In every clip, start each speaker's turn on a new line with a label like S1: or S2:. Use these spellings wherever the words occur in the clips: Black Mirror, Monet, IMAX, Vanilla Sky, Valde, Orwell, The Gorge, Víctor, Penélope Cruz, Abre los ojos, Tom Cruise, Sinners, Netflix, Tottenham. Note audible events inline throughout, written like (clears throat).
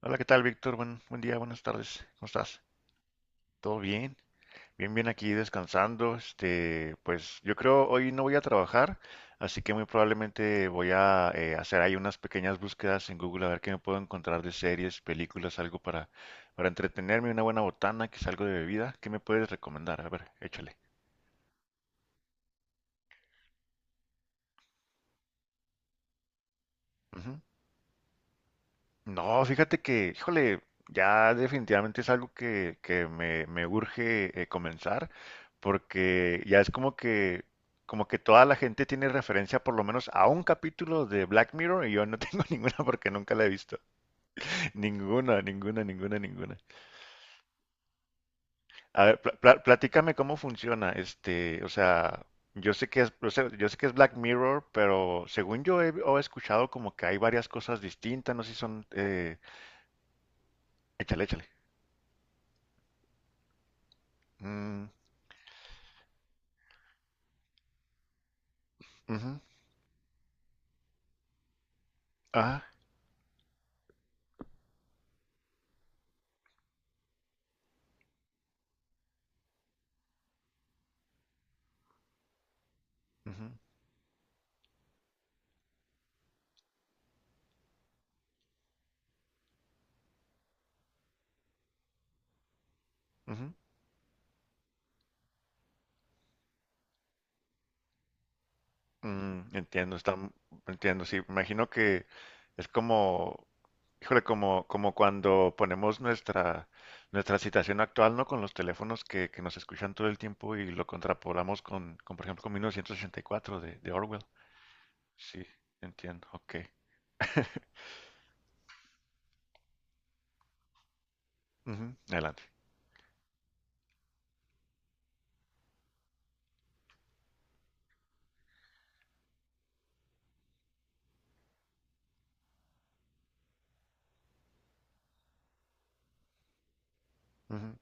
S1: Hola, ¿qué tal, Víctor? Buen día, buenas tardes. ¿Cómo estás? ¿Todo bien? Bien, aquí descansando. Este, pues yo creo hoy no voy a trabajar, así que muy probablemente voy a hacer ahí unas pequeñas búsquedas en Google a ver qué me puedo encontrar de series, películas, para entretenerme, una buena botana, que es algo de bebida. ¿Qué me puedes recomendar? A ver, échale. No, fíjate que, híjole, ya definitivamente es algo que me urge comenzar, porque ya como que toda la gente tiene referencia por lo menos a un capítulo de Black Mirror y yo no tengo (laughs) ninguna porque nunca la he visto. Ninguna, ninguna, ninguna, ninguna. A ver, platícame cómo funciona, este, o sea, yo sé que es, o sea, yo sé que es Black Mirror, pero según yo he, o he escuchado como que hay varias cosas distintas, no sé si son, échale, échale. Mm, ujú. Ah, ujú, ujú. Mm, entiendo, está, entiendo, sí, imagino que es como, híjole, como cuando ponemos nuestra situación actual, ¿no? Con los teléfonos que nos escuchan todo el tiempo y lo contrapolamos por ejemplo, con 1984 de Orwell. Sí, entiendo, ok. Ujú, adelante. Ujú,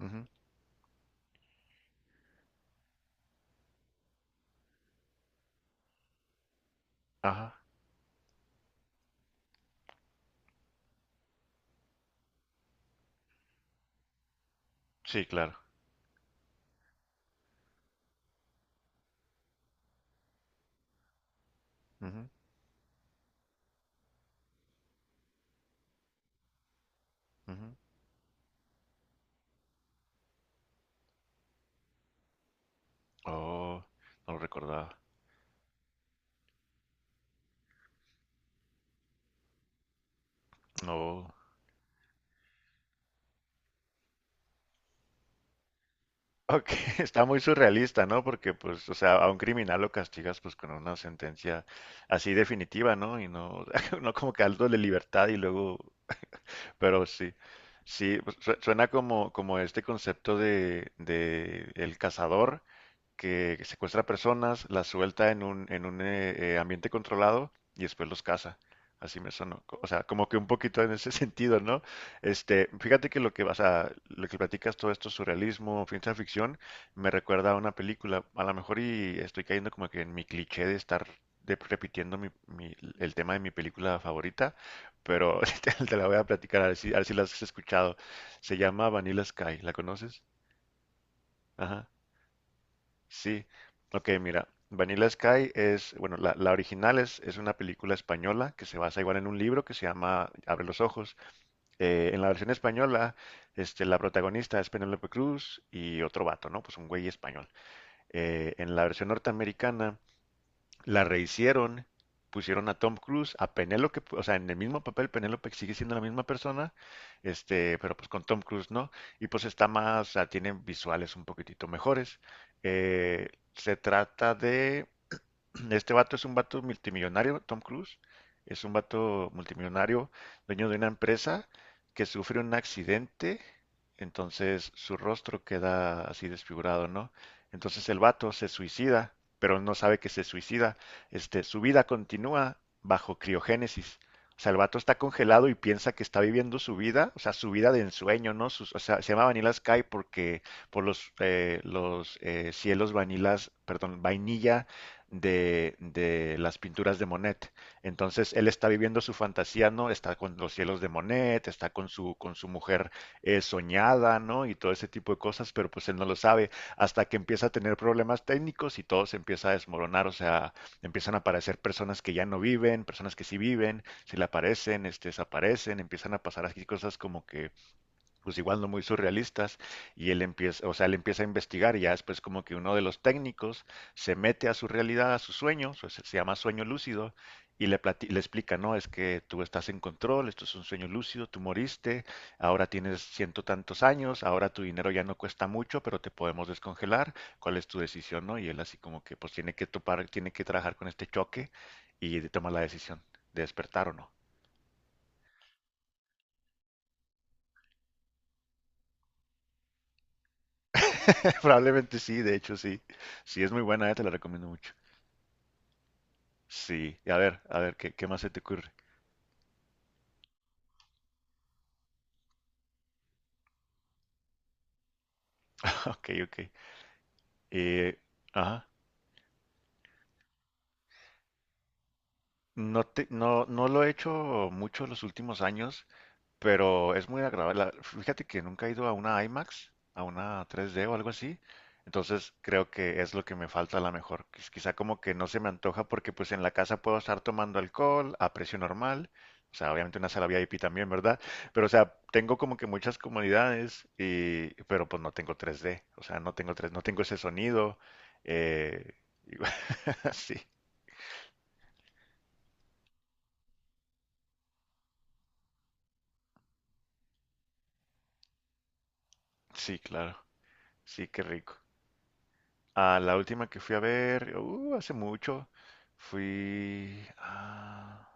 S1: ujú. Ajá, sí, claro. Ujú, ujú. Oh, no lo recordaba. No. Ok, (laughs) está muy surrealista, ¿no? Porque, pues, o sea, a un criminal lo castigas, pues, con una sentencia así definitiva, ¿no? Y no, (laughs) no como que algo de libertad y luego, pero sí, sí, pues, suena como, como este concepto de el cazador, que secuestra personas, las suelta en un ambiente controlado y después los caza. Así me sonó. O sea, como que un poquito en ese (laughs) sentido, ¿no? Este, fíjate que lo que, vas a lo que platicas todo esto, surrealismo, ciencia ficción, me recuerda a una película. A lo mejor y estoy cayendo como que en mi cliché de estar repitiendo el tema de mi película favorita, pero (laughs) te la voy a platicar, a ver si la has escuchado. Se llama Vanilla Sky, ¿la conoces? Ajá. Sí, ok, mira, Vanilla Sky es, bueno, la original es una película española que se basa igual en un libro que se llama Abre los Ojos. En la versión española, este, la protagonista es Penélope Cruz y otro vato, ¿no? Pues un güey español. En la versión norteamericana la rehicieron, pusieron a Tom Cruise, a Penélope, o sea, en el mismo papel Penélope sigue siendo la misma persona, este, pero pues con Tom Cruise, ¿no? Y pues está más, o sea, tiene visuales un poquitito mejores. Eh, se trata de (clears throat) este vato es un vato multimillonario, Tom Cruise. Es un vato multimillonario, dueño de una empresa que sufre un accidente, entonces su rostro queda así desfigurado, ¿no? Entonces el vato se suicida, pero no sabe que se suicida. Este, su vida continúa bajo criogénesis. O sea, el vato está congelado y piensa que está viviendo su vida, o sea, su vida de ensueño, ¿no? O sea, se llama Vanilla Sky porque por los cielos vanilas, perdón, vainilla de las pinturas de Monet. Entonces él está viviendo su fantasía, ¿no? Está con los cielos de Monet, está con su mujer soñada, ¿no? Y todo ese tipo de cosas, pero pues él no lo sabe hasta que empieza a tener problemas técnicos y todo se empieza a desmoronar, o sea, empiezan a aparecer personas que ya no viven, personas que sí viven, se le aparecen, este, desaparecen, empiezan a pasar así cosas como que pues igual no muy surrealistas, y él empieza, o sea, él empieza a investigar, y ya después como que uno de los técnicos se mete a su realidad, a su sueño, o sea, se llama sueño lúcido, y le, le explica, no, es que tú estás en control, esto es un sueño lúcido, tú moriste, ahora tienes ciento tantos años, ahora tu dinero ya no cuesta mucho, pero te podemos descongelar, ¿cuál es tu decisión, no? Y él así como que pues tiene que topar, tiene que trabajar con este choque y toma la decisión de despertar o no. (laughs) Probablemente sí, de hecho sí. Sí, es muy buena, te la recomiendo mucho. Sí, a ver, ¿ qué más se te ocurre? (laughs) Ok, ok. Eh, ajá. No te, no, no lo he hecho mucho los últimos años. Pero es muy agradable. Fíjate que nunca he ido a una IMAX, a una 3D o algo así. Entonces creo que es lo que me falta a lo mejor. Quizá como que no se me antoja porque pues en la casa puedo estar tomando alcohol a precio normal. O sea, obviamente una sala VIP también, ¿verdad? Pero o sea, tengo como que muchas comodidades y pero pues no tengo 3D. O sea, no tengo ese sonido. eh, y- (laughs) sí, sí, claro. Sí, qué rico. Ah, la última que fui a ver, hace mucho, fui... ah,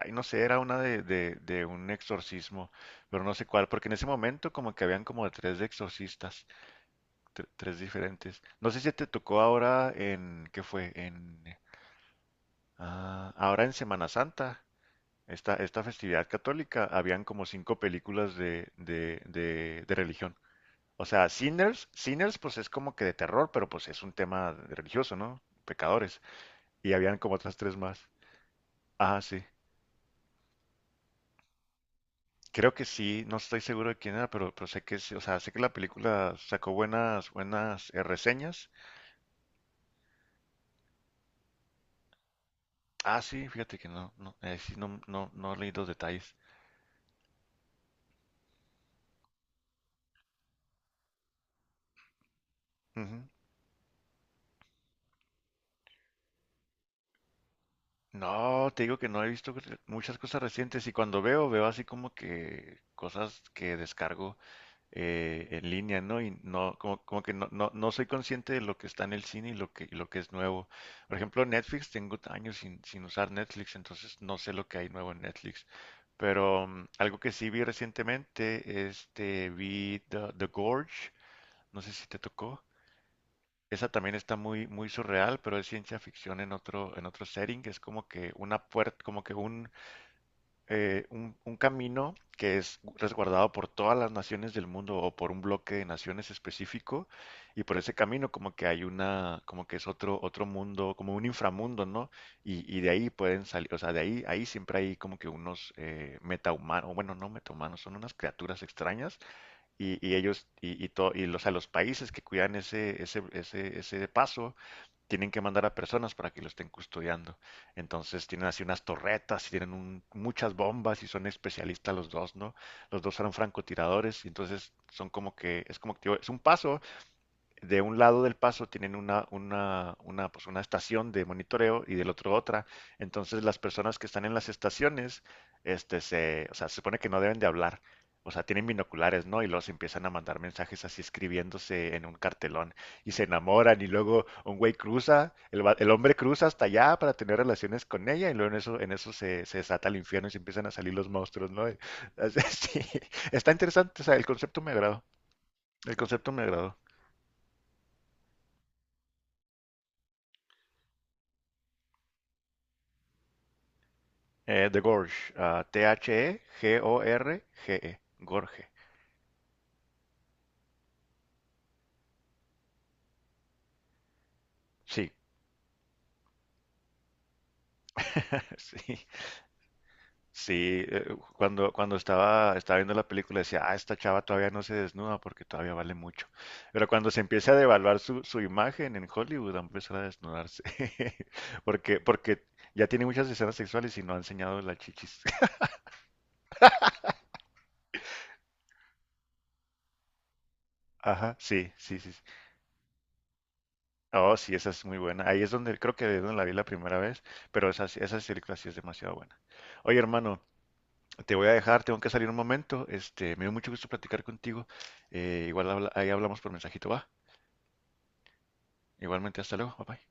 S1: ay, no sé, era una de un exorcismo, pero no sé cuál, porque en ese momento como que habían como tres exorcistas, tres diferentes. No sé si te tocó ahora en... ¿Qué fue? En... ah, ahora en Semana Santa, esta festividad católica, habían como cinco películas de religión. O sea, Sinners, Sinners pues es como que de terror, pero pues es un tema religioso, ¿no? Pecadores. Y habían como otras tres más. Ah, sí. Creo que sí, no estoy seguro de quién era, pero sé que sí, o sea, sé que la película sacó buenas, buenas reseñas. Ah, sí, fíjate que no, no, sí, no, no, no leí los detalles. Ujú. No, te digo que no he visto muchas cosas recientes y cuando veo, veo así como que cosas que descargo en línea, ¿no? Y no, como, como que no, no, no soy consciente de lo que está en el cine y lo y lo que es nuevo. Por ejemplo, Netflix, tengo años sin usar Netflix, entonces no sé lo que hay nuevo en Netflix. Pero mm, algo que sí vi recientemente, este, vi The Gorge, no sé si te tocó. Esa también está muy surreal, pero es ciencia ficción en en otro setting, que es como que una puerta, como que un camino que es resguardado por todas las naciones del mundo o por un bloque de naciones específico y por ese camino como que hay una, como que es otro, otro mundo, como un inframundo, ¿no? Y de ahí pueden salir, o sea, de ahí, ahí siempre hay como que unos metahumanos, bueno, no metahumanos, son unas criaturas extrañas y ellos, y los, a los países que cuidan ese paso tienen que mandar a personas para que lo estén custodiando. Entonces tienen así unas torretas y tienen muchas bombas y son especialistas los dos, ¿no? Los dos eran francotiradores y entonces son como que, es como que, tío, es un paso de un lado del paso tienen una, pues una estación de monitoreo y del otro otra. Entonces las personas que están en las estaciones, este, se, o sea, se supone que no deben de hablar. O sea, tienen binoculares, ¿no? Y los empiezan a mandar mensajes así escribiéndose en un cartelón y se enamoran y luego un güey cruza, el hombre cruza hasta allá para tener relaciones con ella y luego en eso se, se desata el infierno y se empiezan a salir los monstruos, ¿no? (laughs) Sí. Está interesante, o sea, el concepto me agradó, el concepto me agradó. The Gorge, ah, THEGORGE, Gorge. Sí, (laughs) sí, sí. Eh, cuando estaba, estaba viendo la película decía, ah, esta chava todavía no se desnuda porque todavía vale mucho. Pero cuando se empiece a devaluar su, su imagen en Hollywood, va a empezar a desnudarse. (laughs) Porque ya tiene muchas escenas sexuales y no ha enseñado las chichis. (laughs) Ajá, sí, sí, sí. Sí. Oh, sí, esa es muy buena. Ahí es donde creo que es donde la vi la primera vez, pero esa, esa película sí es demasiado buena. Oye, hermano, te voy a dejar, tengo que salir un momento. Este, me dio mucho gusto platicar contigo. Ahí hablamos por mensajito, va. Igualmente, hasta luego, bye bye.